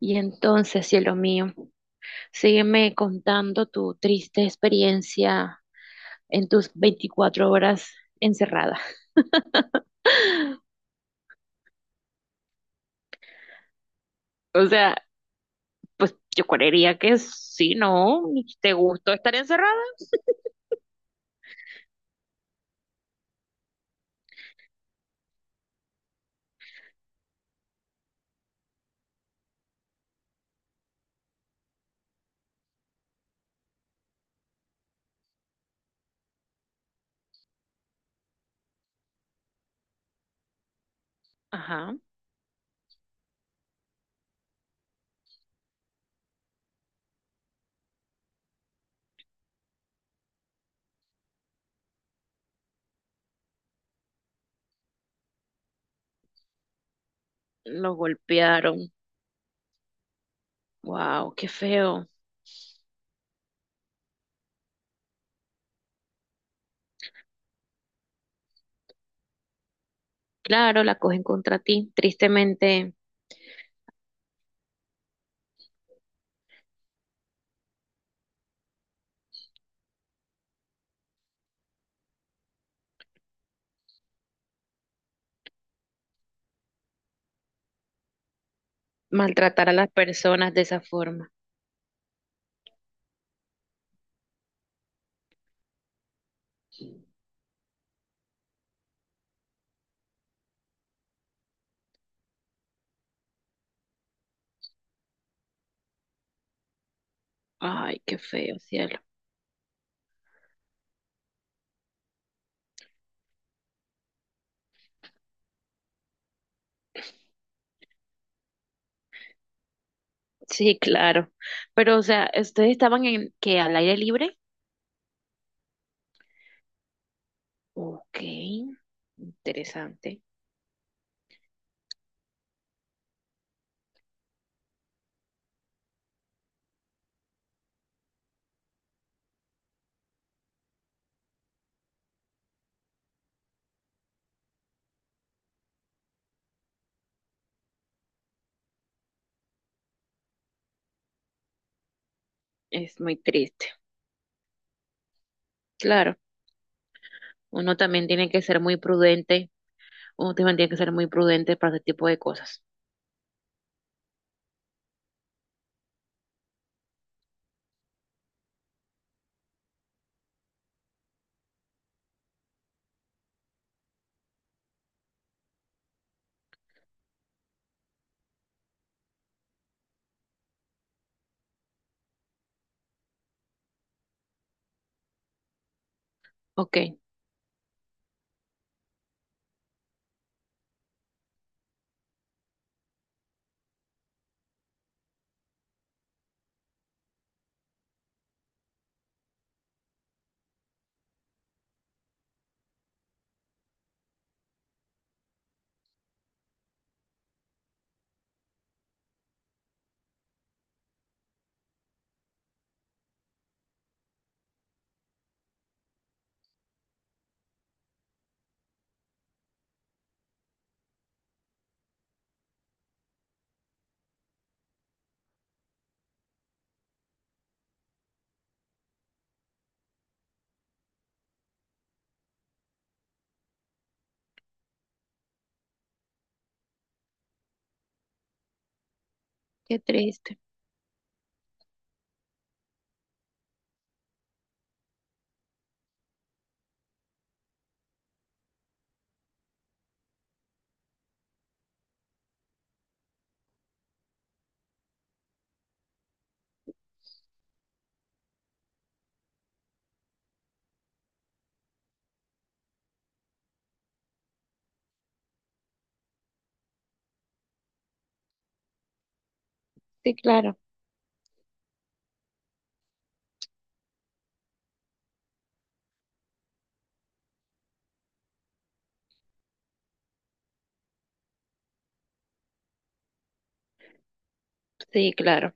Y entonces, cielo mío, sígueme contando tu triste experiencia en tus 24 horas encerrada. O sea, pues yo creería que sí, ¿no? ¿Te gustó estar encerrada? Ajá. Los golpearon. Wow, qué feo. Claro, la cogen contra ti. Tristemente, maltratar a las personas de esa forma. Ay, qué feo, cielo. Sí, claro. Pero, o sea, ¿ustedes estaban en que al aire libre? Ok, interesante. Es muy triste. Claro, uno también tiene que ser muy prudente. Uno también tiene que ser muy prudente para ese tipo de cosas. Ok, qué triste. Sí, claro. Sí, claro.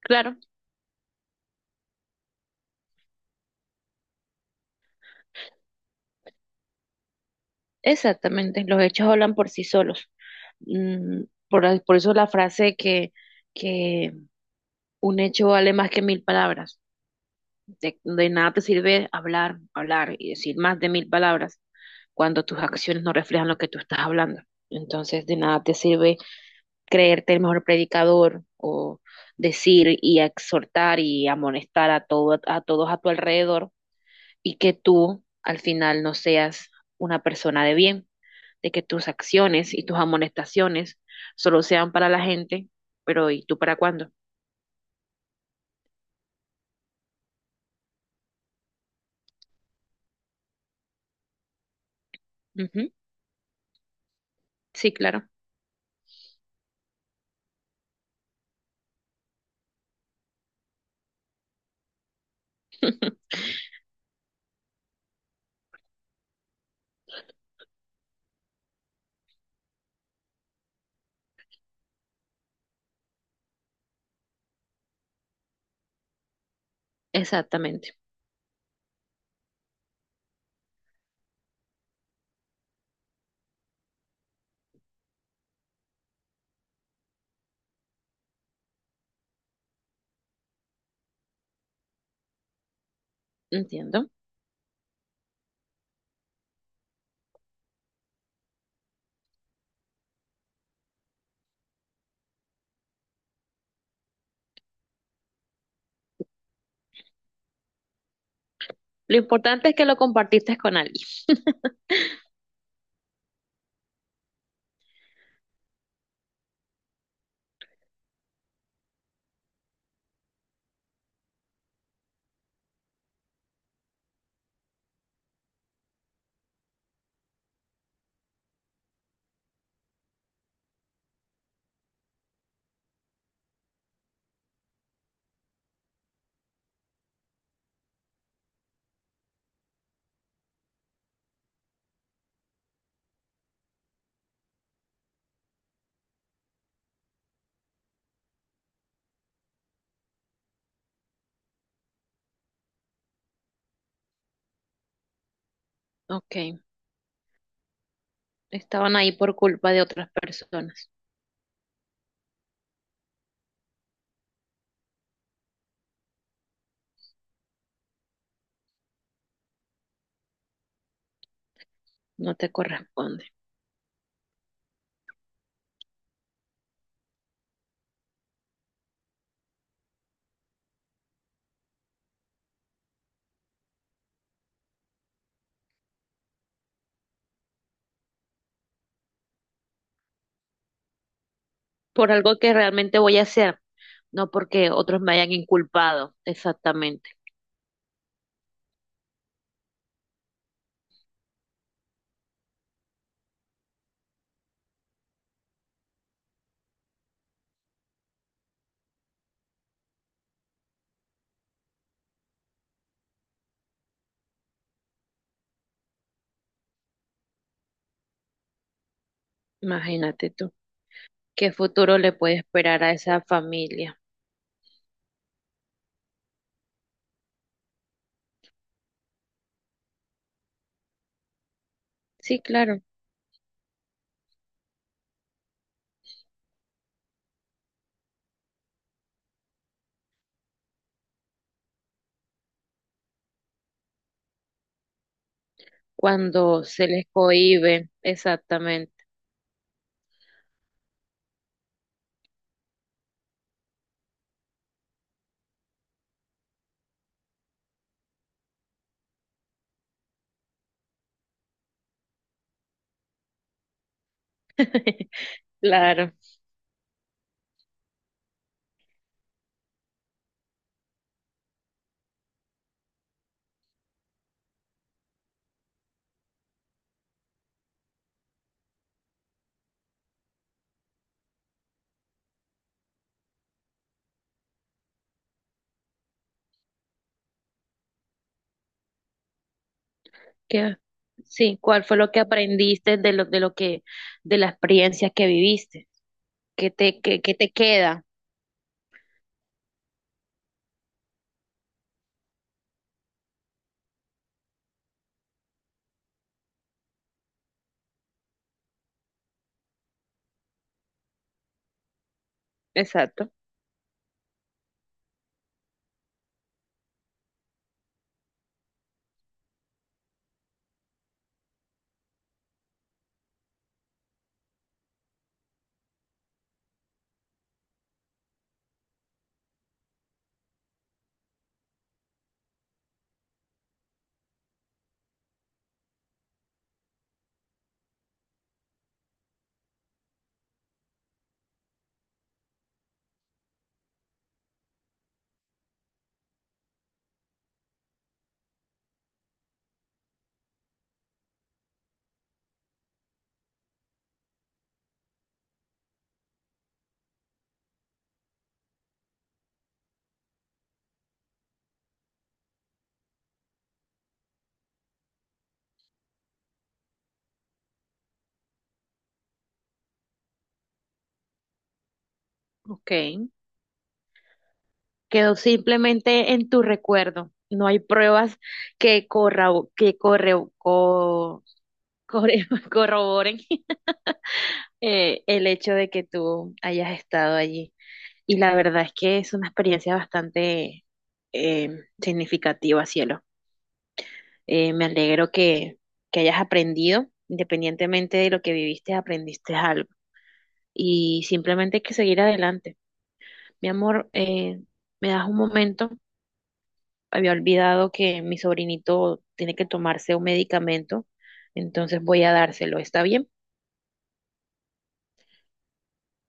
Claro, exactamente. Los hechos hablan por sí solos. Mm, por eso la frase que un hecho vale más que mil palabras. De nada te sirve hablar, hablar y decir más de mil palabras cuando tus acciones no reflejan lo que tú estás hablando. Entonces, de nada te sirve creerte el mejor predicador o decir y exhortar y amonestar a, todo, a todos a tu alrededor y que tú al final no seas una persona de bien, de que tus acciones y tus amonestaciones solo sean para la gente, pero ¿y tú para cuándo? Uh -huh. Sí, claro, exactamente, entiendo. Lo importante es que lo compartiste con alguien. Ok, estaban ahí por culpa de otras personas. No te corresponde. Por algo que realmente voy a hacer, no porque otros me hayan inculpado. Exactamente. Imagínate tú. ¿Qué futuro le puede esperar a esa familia? Sí, claro. Cuando se les cohíbe, exactamente. Claro. ¿Qué? Sí, ¿cuál fue lo que aprendiste de la experiencia que viviste? ¿Qué te queda? Exacto. Ok, quedó simplemente en tu recuerdo. No hay pruebas que corra, que corre, co- corre- corroboren el hecho de que tú hayas estado allí. Y la verdad es que es una experiencia bastante eh, significativa, cielo. Me alegro que hayas aprendido, independientemente de lo que viviste, aprendiste algo. Y simplemente hay que seguir adelante. Mi amor, ¿me das un momento? Había olvidado que mi sobrinito tiene que tomarse un medicamento, entonces voy a dárselo. ¿Está bien?